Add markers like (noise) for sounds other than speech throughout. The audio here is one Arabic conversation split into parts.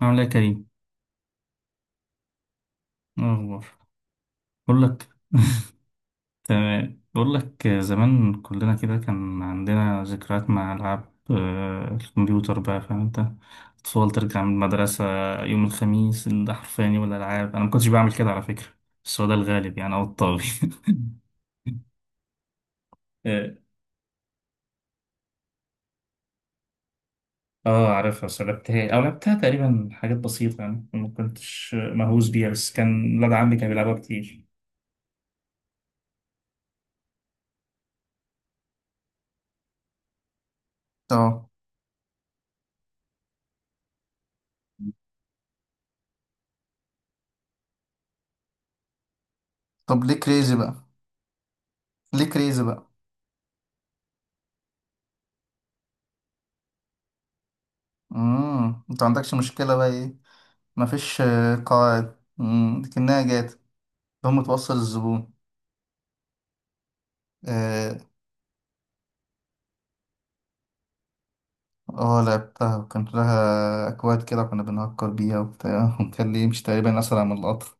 عامل ايه يا كريم؟ إيه الأخبار؟ بقول لك (laughs) تمام، بقول لك زمان كلنا كده كان عندنا ذكريات مع ألعاب الكمبيوتر، بقى فاهم انت. أطفال ترجع من المدرسة يوم الخميس ده حرفيا يوم الألعاب. أنا ما كنتش بعمل كده على فكرة، بس هو ده الغالب يعني أو الطاغي. (laughs) اه. آه، عارفها، بس لعبتها تقريبا حاجات بسيطة يعني. ما كنتش مهووس بيها، بس كان ولاد عمي كان بيلعبها كتير. اه. طب ليه كريزي بقى؟ ليه كريزي بقى امم، انت عندكش مشكلة بقى ايه؟ مفيش قواعد. لكنها جات. هم توصل الزبون. اه. آه، لعبتها وكان لها اكواد كده، كنا بنهكر بيها وبتاع. (laughs) وكان ليه مش تقريبا اسرع من القطر،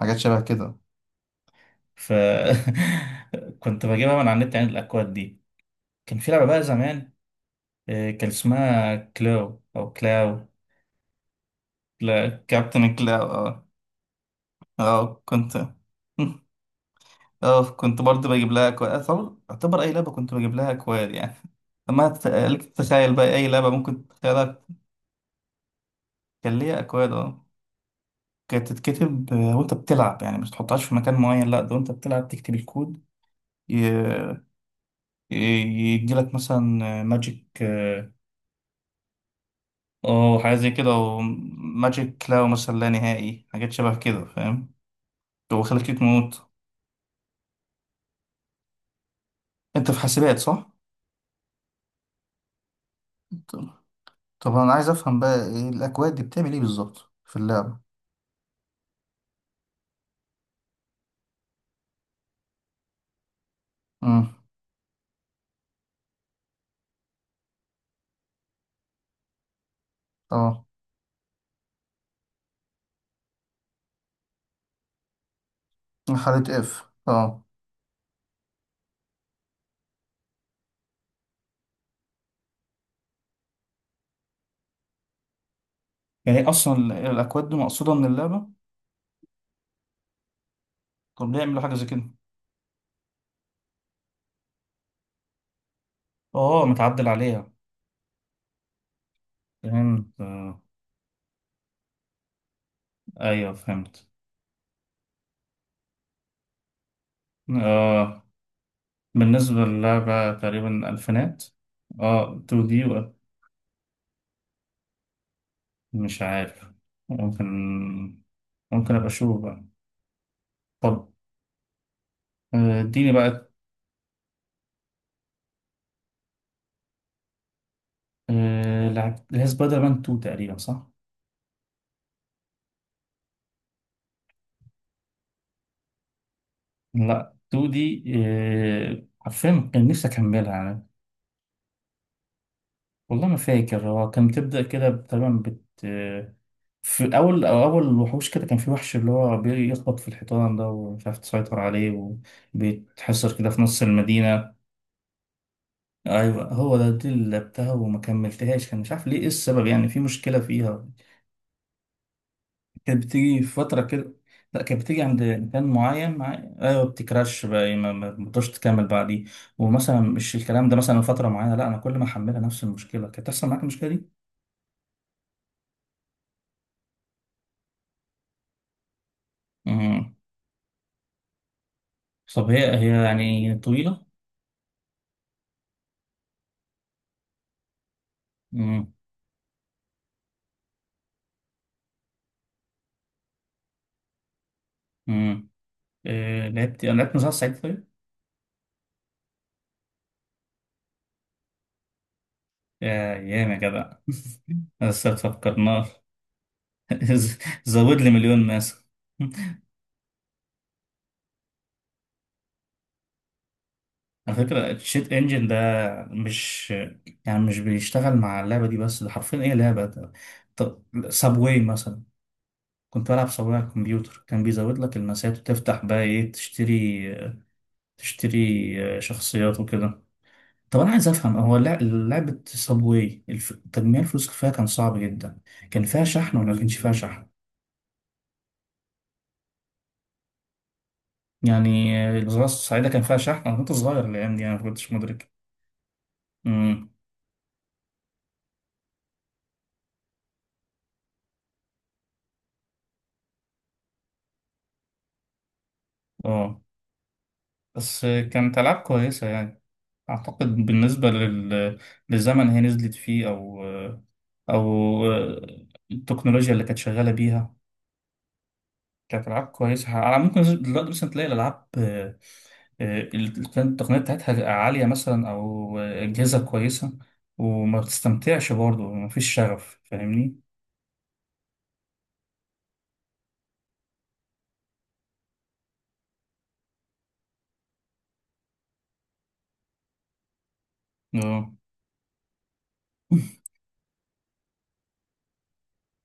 حاجات شبه كده. ف (laughs) كنت بجيبها من على النت يعني، الاكواد دي. كان في لعبه بقى زمان، آه، كان اسمها كلاو او كلاو. لا، كابتن كلاو. اه. اه، كنت (laughs) اه، كنت برضه بجيب لها اكواد. أعتبر اي لعبه كنت بجيب لها اكواد يعني. لما تخيلك تتخيل بقى اي لعبه ممكن تتخيلها. كان ليها اكواد، اه. كانت تتكتب وانت بتلعب يعني، مش تحطهاش في مكان معين، لا ده وانت بتلعب تكتب الكود. ي- ي- يديلك مثلا ماجيك. اه. أو حاجه زي كده، او ماجيك كلاو مثلا لا نهائي، حاجات شبه كده فاهم. وخليك تموت. انت في حاسبات صح؟ طب طب انا عايز افهم بقى ايه الاكواد دي بتعمل ايه بالظبط في اللعبه. امم. اه. مرحلة اف، اه. يعني إيه اصلا الاكواد دي مقصوده من اللعبه؟ طب ليه يعملوا حاجه زي كده؟ اه، متعدل عليها. فهمت، آه. ايوه، فهمت. آه، بالنسبه للعبه تقريبا الفينات. اه، 2 دي مش عارف. ممكن ممكن ابقى اشوف بقى. طب، آه، اديني بقى. آه، لعب اللي هي سبايدر مان 2 تقريبا صح؟ لا، 2 دي، آه، حرفيا كان نفسي اكملها. والله ما فاكر. هو كان بتبدأ كده تقريبا في أول، أول وحوش كده، كان في وحش اللي هو بيخبط في الحيطان ده ومش عارف تسيطر عليه، وبيتحصر كده في نص المدينة. أيوة، هو ده، دي اللي لعبتها وما كملتهاش. كان مش عارف ليه إيه السبب، يعني في مشكلة فيها. كانت بتيجي في فترة كده. لا كانت بتيجي عند مكان معين مع... أيوة، بتكراش بقى، ما بتقدرش تكمل بعديه. ومثلا مش الكلام ده مثلا فترة معينة، لا أنا كل ما أحملها نفس المشكلة كانت تحصل. معاك المشكلة دي؟ طب هي يعني طويلة؟ امم امم آه، لعبت. أنا لعبت مسلسل سعيد طيب. يا يا جدع. (laughs) بس فكرناه. (laughs) زود لي مليون ناس. على فكرة الشيت انجن ده، مش يعني مش بيشتغل مع اللعبة دي بس، ده حرفيا ايه لعبة ده. طب سابواي مثلا، كنت بلعب سابواي على الكمبيوتر، كان بيزود لك المسات وتفتح بقى ايه، تشتري. آه، شخصيات وكده. طب انا عايز افهم، هو لعبه صابواي، تجميع الفلوس اللي فيها كان صعب جدا. كان فيها شحن ولا ما كانش فيها شحن؟ يعني آه، الزراعه السعيده كان فيها شحن؟ انا كنت صغير الايام دي، انا ما كنتش مدرك. امم. اه. بس آه، كانت العاب كويسه يعني. اعتقد بالنسبه للزمن هي نزلت فيه، او آه، او آه، التكنولوجيا اللي كانت شغاله بيها. كانت ألعاب كويسة. على ممكن دلوقتي مثلا تلاقي الألعاب، التقنية بتاعتها عالية مثلا، أو آه، أجهزة كويسة، وما بتستمتعش برضه، مفيش شغف، فاهمني؟ اه. (laughs)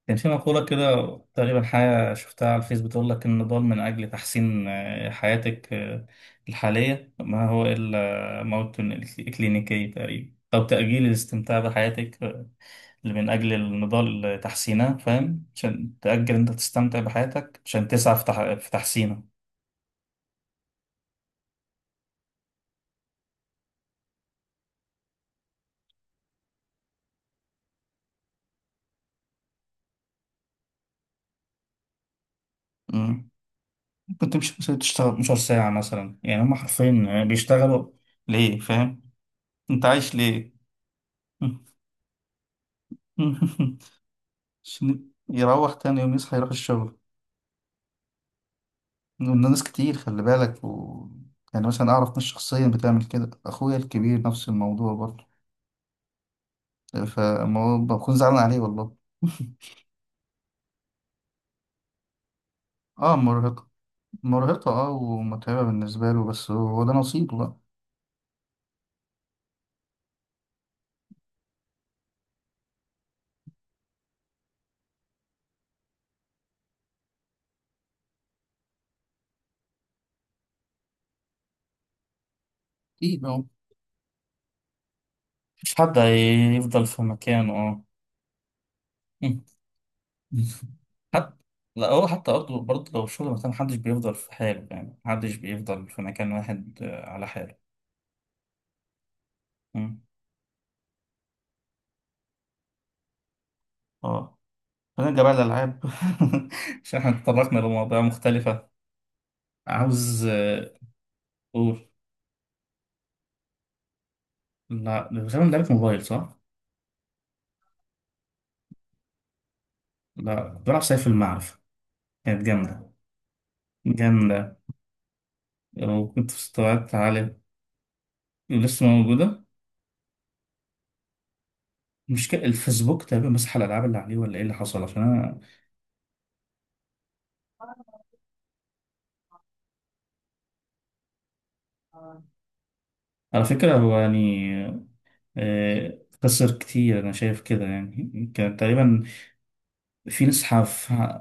كان في مقولة كده، تقريبا حاجة شفتها على الفيس بتقول لك: النضال من أجل تحسين حياتك الحالية ما هو إلا موت كلينيكي تقريبا، أو تأجيل الاستمتاع بحياتك اللي من أجل النضال تحسينها، فاهم؟ عشان تأجل أنت تستمتع بحياتك عشان تسعى في، في تحسينها. مم. ممكن تمشي مثلا تشتغل 12 ساعة مثلا، يعني هم حرفيا بيشتغلوا ليه، فاهم؟ أنت عايش ليه؟ (laughs) عشان يروح تاني يوم يصحى يروح الشغل. ناس كتير، خلي بالك يعني مثلا أعرف ناس شخصيا بتعمل كده، أخويا الكبير نفس الموضوع برضه، فما بكون زعلان عليه والله. (laughs) اه مرهقة. اه، ومتعبة بالنسبة له، بس هو ده نصيبه بقى. أكيد أهو. مفيش حد هيفضل في مكانه، اه. (laughs) مم. حتى لا، هو حتى برضه لو الشغل مثلا، محدش بيفضل في حاله يعني، محدش بيفضل في مكان واحد آه، على حاله. مم. اه. فنرجع بقى للألعاب (laughs) عشان احنا اتطرقنا لمواضيع مختلفة. عاوز آه، أقول. لا غالبا لعبة موبايل صح؟ لا، كنت بلعب سيف المعرفة. كانت جامدة. جامدة وكنت في مستويات عالية. ولسه موجودة. مش كده الفيسبوك تقريبا مسح الالعاب اللي عليه، ولا ايه اللي حصل، عشان انا. على فكره هو يعني آه، خسر كتير، انا شايف كده يعني، كان تقريبا في نسحه في،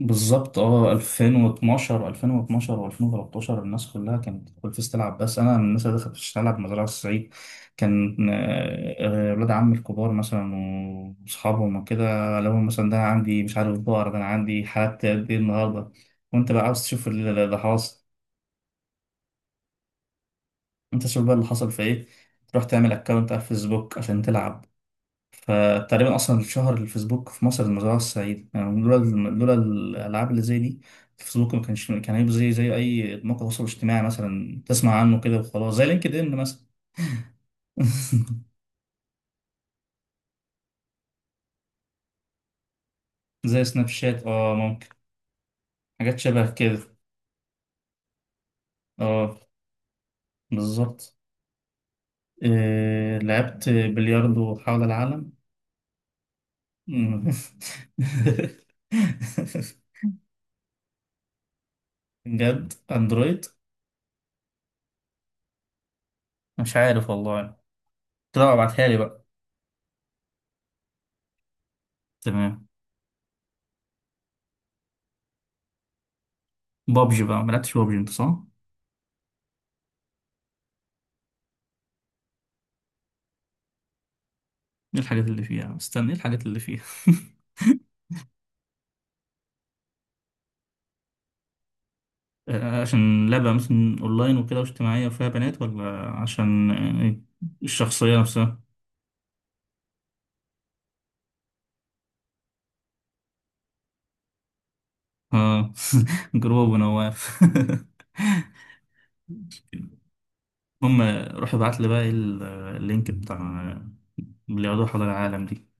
بالظبط اه 2012 و2013 الناس كلها كانت في الفيس تلعب، بس انا من الناس اللي دخلت فيس تلعب مزرعه الصعيد. كان ولاد عمي الكبار مثلا واصحابهم وكده، لهم مثلا. ده أنا عندي مش عارف بقر. ده انا عندي حالات قد ايه النهارده، وانت بقى عاوز تشوف اللي حاصل. انت شوف بقى اللي حصل في ايه. تروح تعمل اكونت على الفيسبوك عشان تلعب. فتقريبا اصلا الشهر الفيسبوك في مصر المزرعه السعيده يعني، لولا الالعاب اللي زي دي، الفيسبوك ما كانش، كان هيبقى زي اي موقع تواصل اجتماعي مثلا تسمع عنه كده وخلاص، زي لينكد ان مثلا. (laughs) زي سناب شات، اه ممكن، حاجات شبه كده. اه، بالظبط. آه لعبت بلياردو حول العالم. (laughs) بجد اندرويد؟ مش عارف والله. لا ابعتها لي بقى. تمام. بابجي بقى، ملعبتش بابجي انت صح؟ ايه الحاجات اللي فيها؟ استنى ايه الحاجات اللي فيها؟ (laughs) آه، عشان لعبة مثلا اونلاين وكده واجتماعية وفيها بنات، ولا عشان آه، الشخصية نفسها؟ اه. (laughs) جروب ونواف. (laughs) المهم، روح ابعت لي بقى اللينك بتاع اللي يقعدوا حول العالم دي.